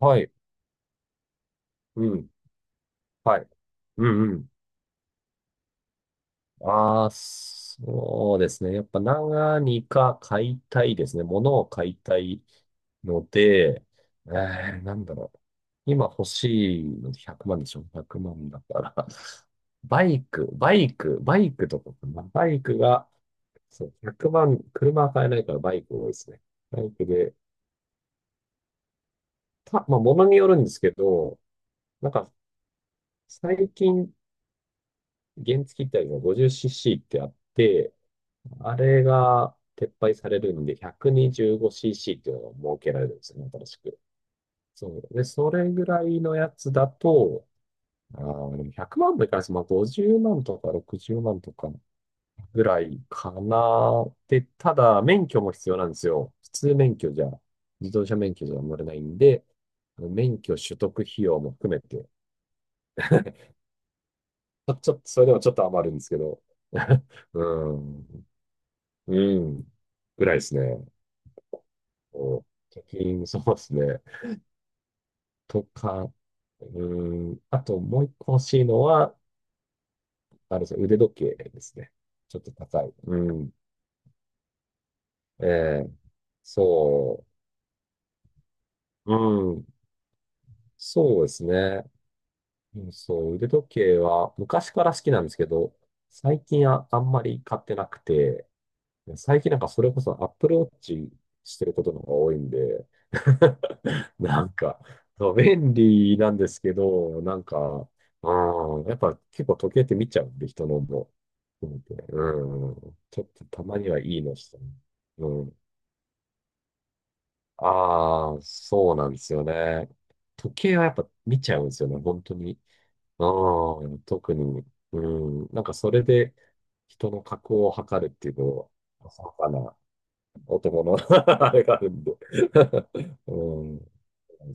はい。うん。はい。うんうん。ああ、そうですね。やっぱ何か買いたいですね。物を買いたいので、なんだろう。今欲しいので100万でしょ1万だから。バイクとかかな。バイクが、そう、100万、車は買えないからバイク多いですね。バイクで、まあ、物によるんですけど、なんか、最近、原付ってあるの 50cc ってあって、あれが撤廃されるんで、125cc っていうのが設けられるんですよね、新しく。そう。で、それぐらいのやつだと、でも100万もいかないです。まあ、50万とか60万とかぐらいかな。で、ただ、免許も必要なんですよ。普通免許じゃ、自動車免許じゃ乗れないんで、免許取得費用も含めて、ちょっと、それでもちょっと余るんですけど、うん、うん、ぐらいですね。お、貯金、そうですね。とか、あともう一個欲しいのは、あれですね、腕時計ですね。ちょっと高い。うん。ええ、そう、うん、そうですね。うんそう、腕時計は昔から好きなんですけど、最近あんまり買ってなくて、最近なんかそれこそ Apple Watch してることの方が多いんで、なんか、そう、便利なんですけど、なんか、うん、やっぱ結構時計って見ちゃうんで、人のも。うんちょっとたまにはいいのしたね。うん。ああ、そうなんですよね。時計はやっぱ見ちゃうんですよね、本当に。うん、特に。うん、なんかそれで人の格を測るっていうのは、浅はかな男の あれがあるんで うん、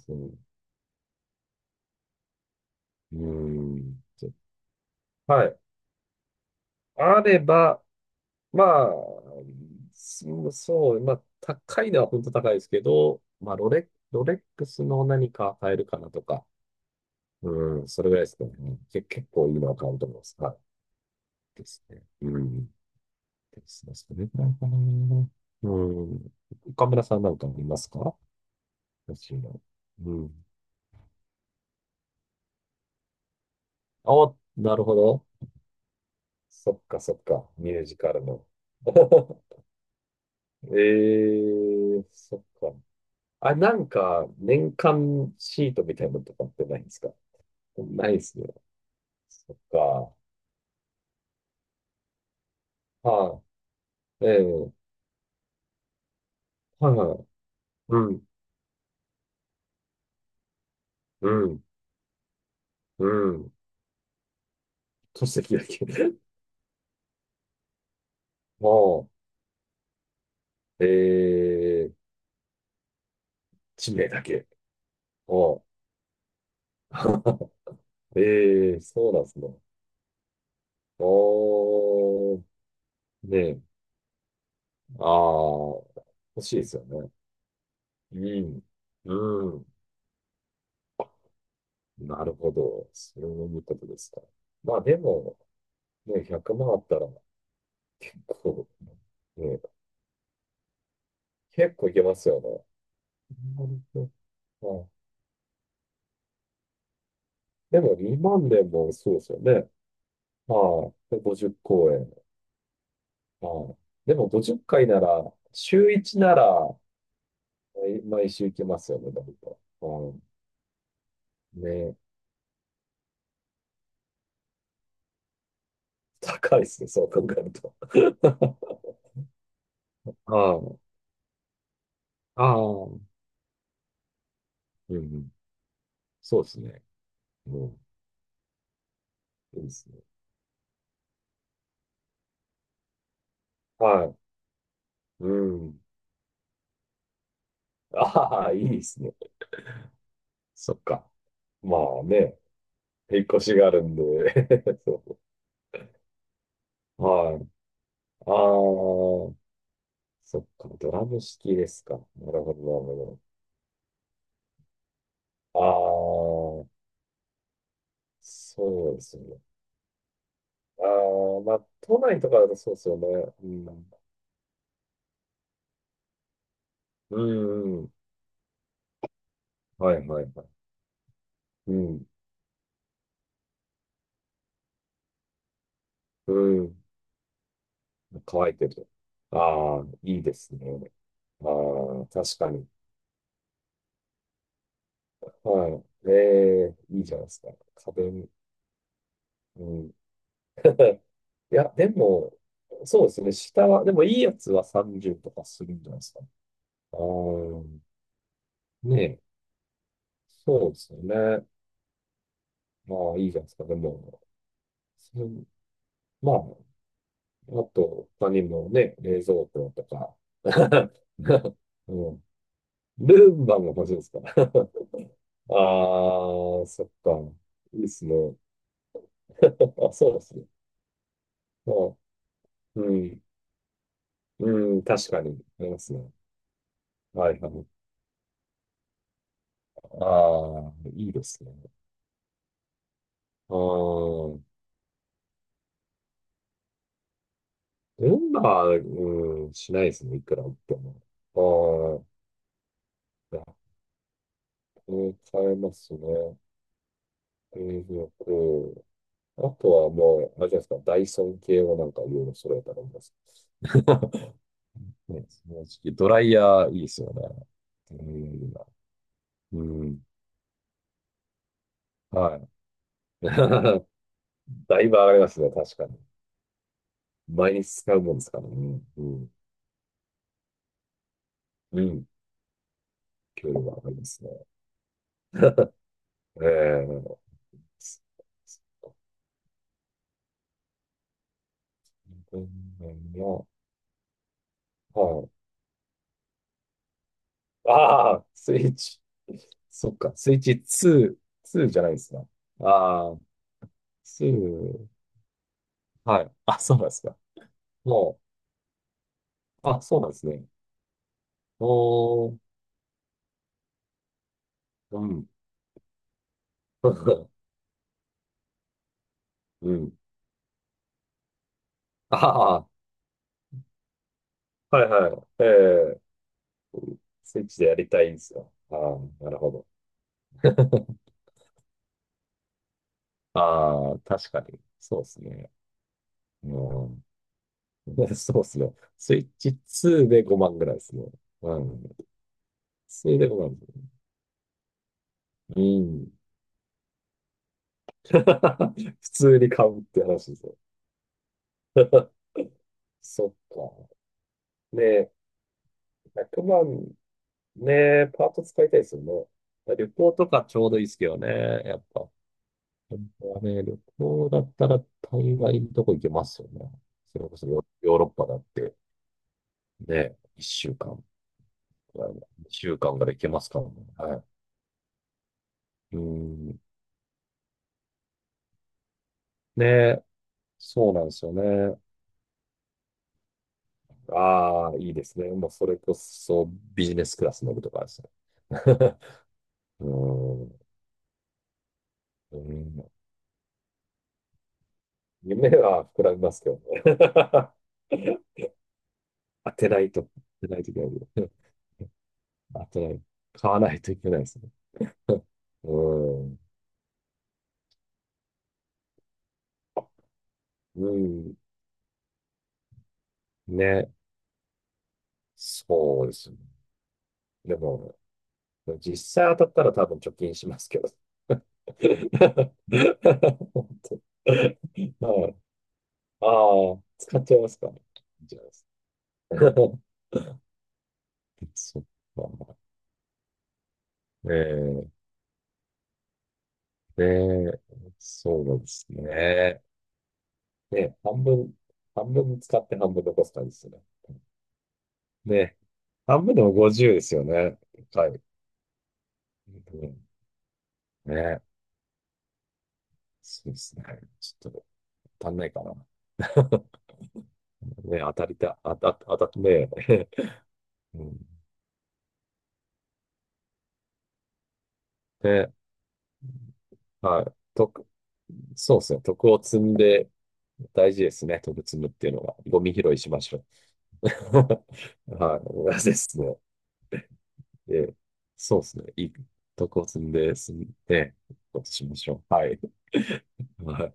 そううん、ちょっはい。あれば、まあ、まあ、高いのは本当高いですけど、まあ、ロレックスの何か買えるかなとか、うん、それぐらいですかね。結構いいのは買うと思います。はい。ですね。うん。ですね。それぐらいかな。うん。岡村さんなんかありますか欲しいの。うん。あ、なるほど。そっか。ミュージカルの。ええーそっか。あ、なんか、年間シートみたいなのとかってないんですかないですね。そっか。はい。ええ。はいはい。うん。うん。うん。戸籍だけ。もう、ええ、地名だけ。お ええ、そうなんですね。おー。ねえ。ああ、欲しいですよね。うん。うん。なるほど。そういうことですか。まあでも、ね、100万あったら、結構、ね、結構いけますよね。なるほどはい。でも2万年もそうですよね。はい。で50公演。はい。でも50回なら、週1なら、毎週行けますよね、だいぶ。はい。ね。高いですね、そう考えると。はい。ああ、うんうん。そうですね。うん。いいですね。はい。うん。ああ、いいですね。そっか。まあね。引っ越しがあるんで。そう。はい。ああ。そっか、ドラム式ですか。なるほど。ああ、そうですね。ああ、まあ、都内とかだとそうですよね。うん。うん、うん。はい、はい、はい。うん、うん。乾いてる。ああ、いいですね。ああ、確かに。はい。ええ、いいじゃないですか。家電。うん。いや、でも、そうですね。下は、でもいいやつは30とかするんじゃないですか。ああ、ねえ、そうですよね。まあ、いいじゃないですか。でも、そうまあ、あと、他にもね、冷蔵庫とか、うん。ルンバも欲しいですか ああ、そっか。いいですね。あ、そうですね。まあ、うん。うん、確かに。ありますね。はいはい。ああ、いいですね。ああ、ルンバ、うん、しないですね。いくら売っても。ああ、いやこれ買えますね。冷蔵庫。あとはもう、あれじゃないですか、ダイソン系をなんかいろいろ揃えたらいいです。ね、その時期ドライヤーいいですよね。うん、うん、はい。だいぶ上がりますね、確かに。毎日使うもんですからね。うん、うん、給料が上がりますね。ええー、の、はい。ああ、スイッチ。そっか、スイッチ2、ツーじゃないですか。ああ、ツーはい。あ、そうなんですか。もうあ、そうなんですね。おー、うん。うん。ああ、はいはい。ええスイッチでやりたいんですよ。ああ、なるほど。ああ、確かに。そうですね。うん。そうですね。スイッチ2で5万ぐらいですね。うん。それで5万ですね。うん。普通に買うって話ですよ。そっか。ねえ、100万、ねえ、パート使いたいですよね。旅行とかちょうどいいですけどね。やっぱ。本当はね、旅行だったら大概のとこ行けますよね。それこそヨーロッパだって、ね、一週間ぐらい、二週間ぐらい行けますからね。はい。うん。ね、そうなんですよね。ああ、いいですね。もうそれこそビジネスクラス乗るとかですね。うん。うん夢は膨らみますけどね。当てないと、当てないといけない。当てない。買わないといけないですね。うん。うん。ね。そうですね。でも、実際当たったら多分貯金しますけど。はい。ああ、使っちゃいますか。いいじゃないですか。そっか。ええで、そうなんですね。ね、半分、半分使って半分残す感じですね。ね、半分でも50ですよね。はい。うんね、そうですね。ちょっと足んないかな。ね、当たりた、あた、当た、ね、うん。で、はい。徳、そうですね。徳を積んで大事ですね。徳積むっていうのは。ゴミ拾いしましょう。はい。同じですね。で、そうですね。いい。徳を積んで、積んで、ことしましょう。はい。はい